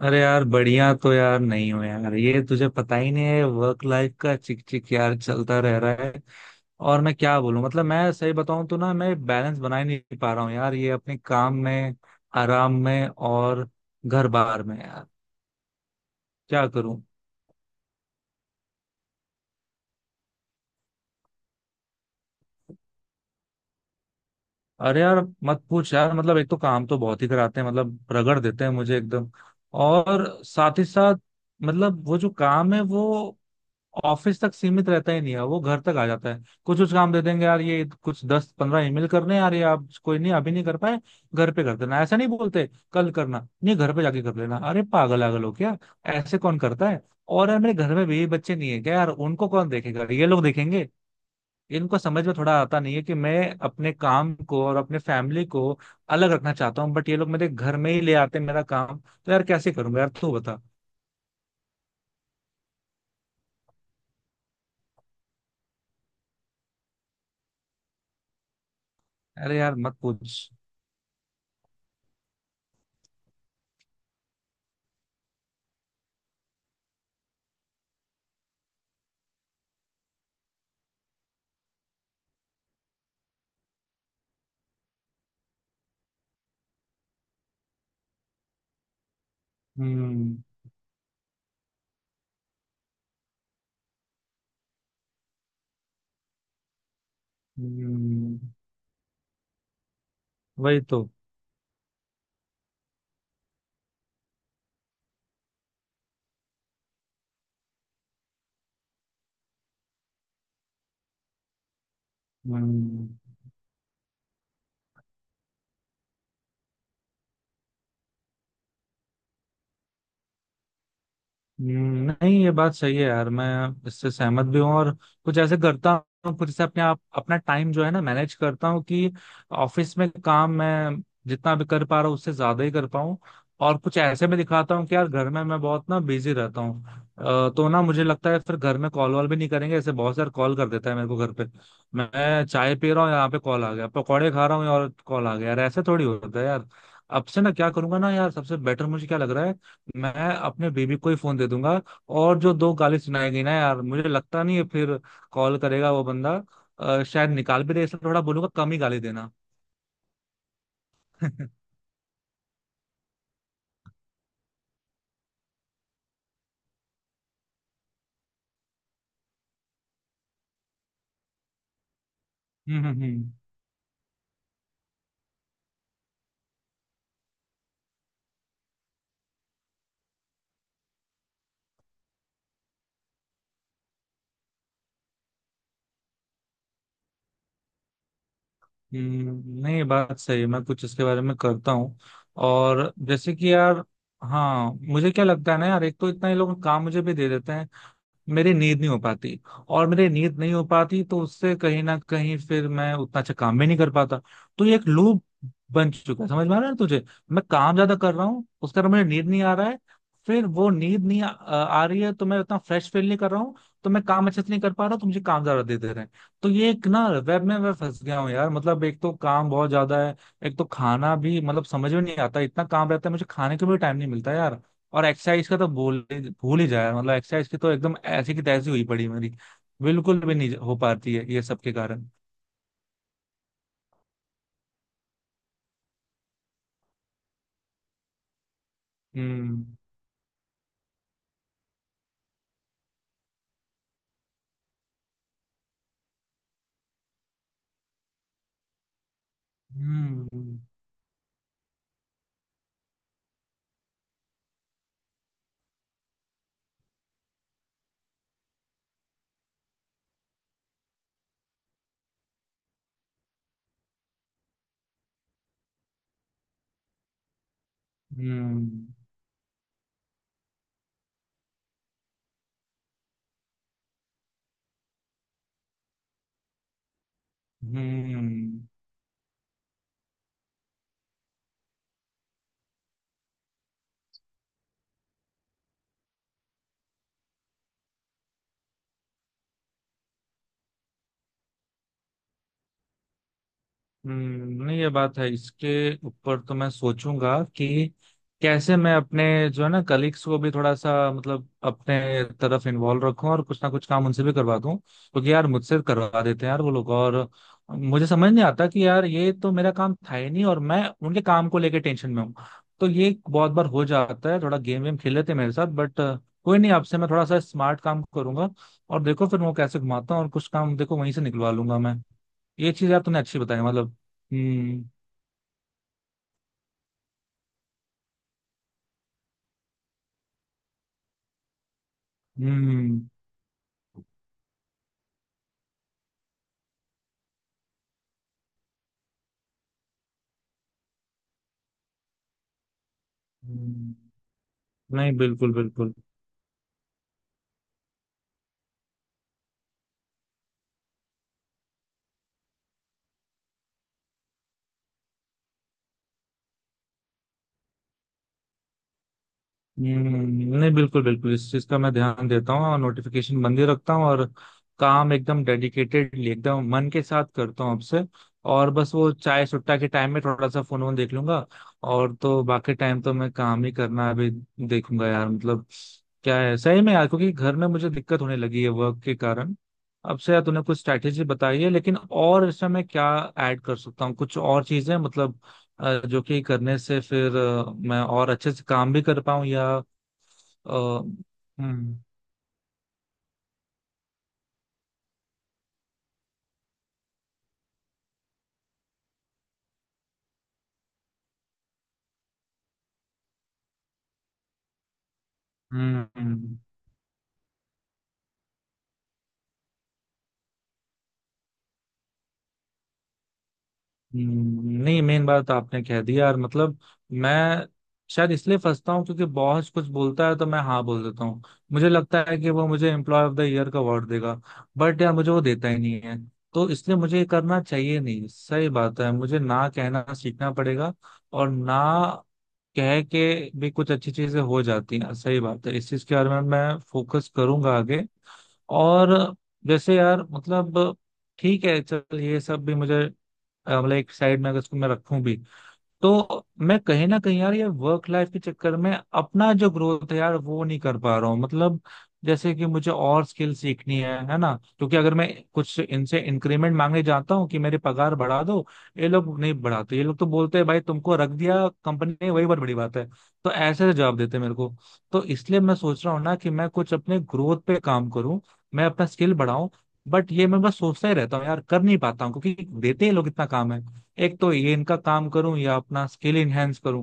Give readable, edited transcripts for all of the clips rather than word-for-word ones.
अरे यार बढ़िया। तो यार नहीं हो यार, ये तुझे पता ही नहीं है, वर्क लाइफ का चिक चिक यार चलता रह रहा है। और मैं क्या बोलूं, मतलब मैं सही बताऊं तो ना, मैं बैलेंस बना ही नहीं पा रहा हूँ यार, ये अपने काम में, आराम में और घर बार में यार। क्या करूं। अरे यार मत पूछ यार, मतलब एक तो काम तो बहुत ही कराते हैं, मतलब रगड़ देते हैं मुझे एकदम। और साथ ही साथ मतलब वो जो काम है वो ऑफिस तक सीमित रहता ही नहीं है, वो घर तक आ जाता है। कुछ कुछ काम दे देंगे यार, ये कुछ 10-15 ईमेल करने हैं यार, ये आप कोई नहीं अभी नहीं कर पाए घर पे कर देना। ऐसा नहीं बोलते, कल करना, नहीं घर पे जाके कर लेना। अरे पागल आगल हो क्या, ऐसे कौन करता है। और यार मेरे घर में भी बच्चे नहीं है क्या यार, उनको कौन देखेगा, ये लोग देखेंगे। इनको समझ में थोड़ा आता नहीं है कि मैं अपने काम को और अपने फैमिली को अलग रखना चाहता हूँ, बट ये लोग मेरे घर में ही ले आते हैं। मेरा काम तो यार कैसे करूंगा यार, तू बता। अरे यार मत पूछ। हम्म। हम्म। वही तो। हम्म। हम्म। नहीं ये बात सही है यार, मैं इससे सहमत भी हूँ। और कुछ ऐसे करता हूँ, कुछ ऐसे अपने आप अपना टाइम जो है ना मैनेज करता हूँ कि ऑफिस में काम मैं जितना भी कर पा रहा हूँ उससे ज्यादा ही कर पाऊँ। और कुछ ऐसे में दिखाता हूँ कि यार घर में मैं बहुत ना बिजी रहता हूँ। तो ना मुझे लगता है फिर घर में कॉल वॉल भी नहीं करेंगे। ऐसे बहुत सारे कॉल कर देता है मेरे को घर पे। मैं चाय पी रहा हूँ यहाँ पे कॉल आ गया, पकौड़े खा रहा हूँ और कॉल आ गया। यार ऐसे थोड़ी होता है यार। अब से ना क्या करूंगा ना यार, सबसे बेटर मुझे क्या लग रहा है, मैं अपने बेबी को ही फोन दे दूंगा। और जो दो गाली सुनाई गई ना यार, मुझे लगता नहीं है फिर कॉल करेगा वो बंदा। शायद निकाल भी दे, इसलिए थोड़ा बोलूंगा कम ही गाली देना। हम्म। हम्म। हम्म। हम्म। नहीं बात सही है, मैं कुछ इसके बारे में करता हूँ। और जैसे कि यार, हाँ मुझे क्या लगता है ना यार, एक तो इतना ये लोग काम मुझे भी दे देते हैं, मेरी नींद नहीं हो पाती। और मेरी नींद नहीं हो पाती तो उससे कहीं ना कहीं फिर मैं उतना अच्छा काम भी नहीं कर पाता। तो ये एक लूप बन चुका है, समझ में आ रहा है ना तुझे। मैं काम ज्यादा कर रहा हूँ, उसका मुझे नींद नहीं आ रहा है। फिर वो नींद नहीं आ रही है, तो मैं उतना फ्रेश फील नहीं कर रहा हूँ। तो मैं काम अच्छे से नहीं कर पा रहा, तो मुझे काम ज्यादा दे दे रहे हैं। तो ये एक ना वेब में मैं फंस गया हूँ यार, मतलब एक तो काम बहुत ज्यादा है। एक तो खाना भी मतलब समझ में नहीं आता, इतना काम रहता है मुझे खाने को भी टाइम नहीं मिलता यार। और एक्सरसाइज का तो भूल भूल ही जाए, मतलब एक्सरसाइज की तो एकदम ऐसी की तैसी हुई पड़ी मेरी। बिल्कुल भी नहीं हो पाती है ये सब के कारण। हम्म। हम्म। हम्म। हम्म। हम्म। नहीं ये बात है, इसके ऊपर तो मैं सोचूंगा कि कैसे मैं अपने जो है ना कलीग्स को भी थोड़ा सा मतलब अपने तरफ इन्वॉल्व रखूं, और कुछ ना कुछ काम उनसे भी करवा दूं। क्योंकि यार मुझसे करवा देते हैं यार वो लोग, और मुझे समझ नहीं आता कि यार ये तो मेरा काम था ही नहीं, और मैं उनके काम को लेके टेंशन में हूँ। तो ये बहुत बार हो जाता है, थोड़ा गेम वेम खेल लेते हैं मेरे साथ, बट कोई नहीं, आपसे मैं थोड़ा सा स्मार्ट काम करूंगा। और देखो फिर वो कैसे घुमाता हूँ और कुछ काम देखो वहीं से निकलवा लूंगा मैं। ये चीज यार तुमने अच्छी बताई मतलब। हम्म। हम्म। हम्म। नहीं बिल्कुल बिल्कुल। हम्म। नहीं बिल्कुल बिल्कुल, इस चीज का मैं ध्यान देता हूँ और नोटिफिकेशन बंद ही रखता हूँ। और काम एकदम डेडिकेटेडली एकदम मन के साथ करता हूँ आपसे। और बस वो चाय सुट्टा के टाइम में थोड़ा सा फोन वोन देख लूंगा। और तो बाकी टाइम तो मैं काम ही करना अभी देखूंगा यार, मतलब क्या है सही में यार, क्योंकि घर में मुझे दिक्कत होने लगी है वर्क के कारण। अब से यार तूने कुछ स्ट्रैटेजी बताई है लेकिन, और इसमें मैं क्या ऐड कर सकता हूँ कुछ और चीजें, मतलब जो कि करने से फिर मैं और अच्छे से काम भी कर पाऊं या हम्म। हम्म। हम्म। हम्म। नहीं मेन बात आपने कह दी यार, मतलब मैं शायद इसलिए फंसता हूँ क्योंकि बॉस कुछ बोलता है तो मैं हाँ बोल देता हूँ। मुझे लगता है कि वो मुझे एम्प्लॉय ऑफ द ईयर का अवार्ड देगा, बट यार मुझे वो देता ही नहीं है। तो इसलिए मुझे ये करना चाहिए, नहीं सही बात है, मुझे ना कहना सीखना पड़ेगा। और ना कह के भी कुछ अच्छी चीजें हो जाती हैं, सही बात है, इस चीज के बारे में मैं फोकस करूंगा आगे। और जैसे यार मतलब, ठीक है चल ये सब भी मुझे, मतलब एक साइड में अगर इसको मैं रखूं भी, तो मैं कहीं ना कहीं यार ये वर्क लाइफ के चक्कर में अपना जो ग्रोथ है यार वो नहीं कर पा रहा हूँ मतलब। जैसे कि मुझे और स्किल सीखनी है ना, क्योंकि अगर मैं कुछ इनसे इंक्रीमेंट मांगने जाता हूँ कि मेरी पगार बढ़ा दो, ये लोग नहीं बढ़ाते, ये लोग तो बोलते हैं भाई तुमको रख दिया कंपनी ने वही बहुत बड़ी बात है। तो ऐसे जवाब देते हैं मेरे को। तो इसलिए मैं सोच रहा हूँ ना कि मैं कुछ अपने ग्रोथ पे काम करूँ, मैं अपना स्किल बढ़ाऊं, बट ये मैं बस सोचता ही रहता हूँ यार, कर नहीं पाता हूँ, क्योंकि देते ही लोग इतना काम है। एक तो ये इनका काम करूं या अपना स्किल इनहेंस करूं,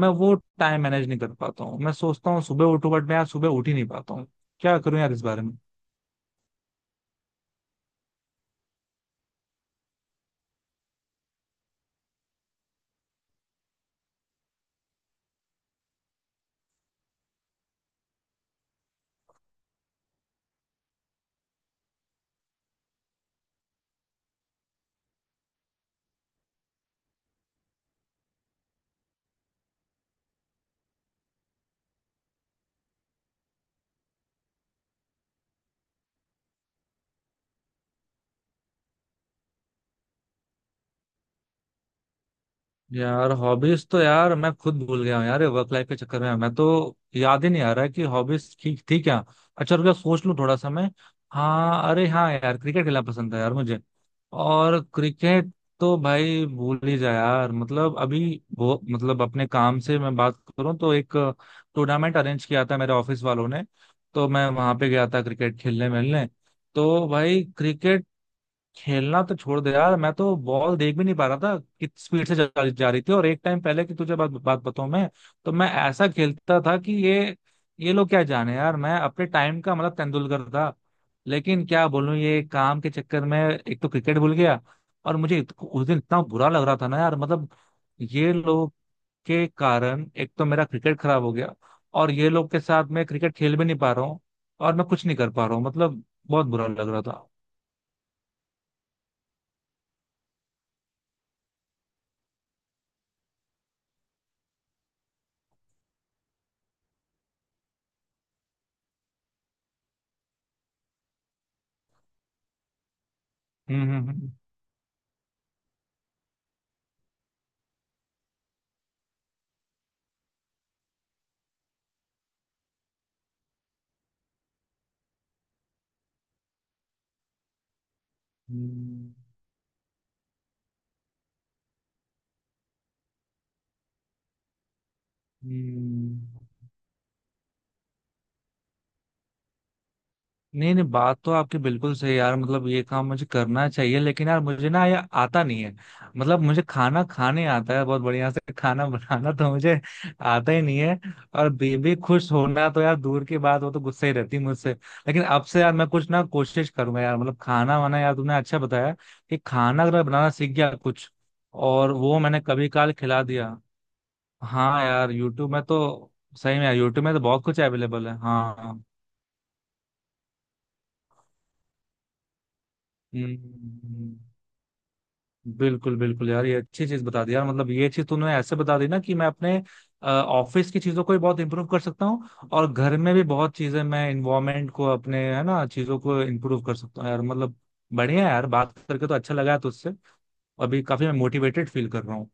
मैं वो टाइम मैनेज नहीं कर पाता हूँ। मैं सोचता हूँ सुबह उठूं, बट मैं आज सुबह उठ ही नहीं पाता हूँ। क्या करूं यार इस बारे में। यार हॉबीज तो यार मैं खुद भूल गया हूँ यार, वर्क लाइफ के चक्कर में मैं तो याद ही नहीं आ रहा है कि हॉबीज ठीक थी क्या। अच्छा रुक जा, सोच लूँ थोड़ा सा मैं। हाँ अरे हाँ यार, क्रिकेट खेलना पसंद है यार मुझे। और क्रिकेट तो भाई भूल ही जा यार, मतलब अभी वो मतलब अपने काम से मैं बात करूँ तो एक टूर्नामेंट अरेंज किया था मेरे ऑफिस वालों ने, तो मैं वहां पे गया था क्रिकेट खेलने मिलने। तो भाई क्रिकेट खेलना तो छोड़ दे यार, मैं तो बॉल देख भी नहीं पा रहा था कितनी स्पीड से जा रही थी। और एक टाइम पहले की तुझे बात बात बताऊं मैं, तो मैं ऐसा खेलता था कि ये लोग क्या जाने यार, मैं अपने टाइम का मतलब तेंदुलकर था। लेकिन क्या बोलूं, ये काम के चक्कर में एक तो क्रिकेट भूल गया, और मुझे उस दिन इतना बुरा लग रहा था ना यार, मतलब ये लोग के कारण एक तो मेरा क्रिकेट खराब हो गया, और ये लोग के साथ मैं क्रिकेट खेल भी नहीं पा रहा हूँ, और मैं कुछ नहीं कर पा रहा हूँ, मतलब बहुत बुरा लग रहा था। हम्म। हम्म। हम्म। हम्म। हम्म। नहीं नहीं, बात तो आपकी बिल्कुल सही है यार, मतलब ये काम मुझे करना चाहिए लेकिन यार मुझे ना ये आता नहीं है, मतलब मुझे खाना खाने आता है बहुत बढ़िया से, खाना बनाना तो मुझे आता ही नहीं है। और बेबी खुश होना तो यार दूर की बात, वो तो गुस्सा ही रहती है मुझसे। लेकिन अब से यार मैं कुछ ना कोशिश करूंगा यार, मतलब खाना वाना यार तुमने अच्छा बताया कि खाना अगर मैं बनाना सीख गया कुछ, और वो मैंने कभी काल खिला दिया। हाँ यार यूट्यूब में तो, सही में यार यूट्यूब में तो बहुत कुछ अवेलेबल है, हाँ। हम्म। बिल्कुल बिल्कुल यार, ये अच्छी चीज बता दी यार, मतलब ये चीज तूने ऐसे बता दी ना कि मैं अपने ऑफिस की चीजों को भी बहुत इंप्रूव कर सकता हूँ, और घर में भी बहुत चीजें मैं इन्वायरमेंट को अपने है ना चीजों को इंप्रूव कर सकता हूँ यार, मतलब बढ़िया है यार। बात करके तो अच्छा लगा है तुझसे, अभी काफी मैं मोटिवेटेड फील कर रहा हूँ।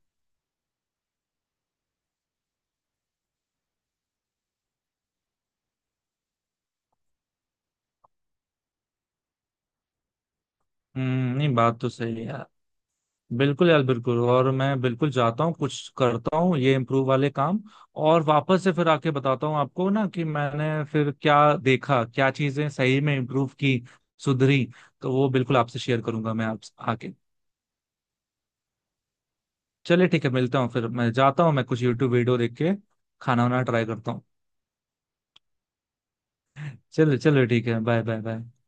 हम्म। नहीं बात तो सही है यार, बिल्कुल यार बिल्कुल, और मैं बिल्कुल जाता हूँ कुछ करता हूँ ये इम्प्रूव वाले काम। और वापस से फिर आके बताता हूँ आपको ना कि मैंने फिर क्या देखा, क्या चीजें सही में इम्प्रूव की, सुधरी। तो वो बिल्कुल आपसे शेयर करूंगा मैं, आप आके। चलिए ठीक है, मिलता हूँ फिर, मैं जाता हूँ, मैं कुछ यूट्यूब वीडियो देख के खाना वाना ट्राई करता हूँ। चलिए चलिए ठीक है, बाय बाय बाय।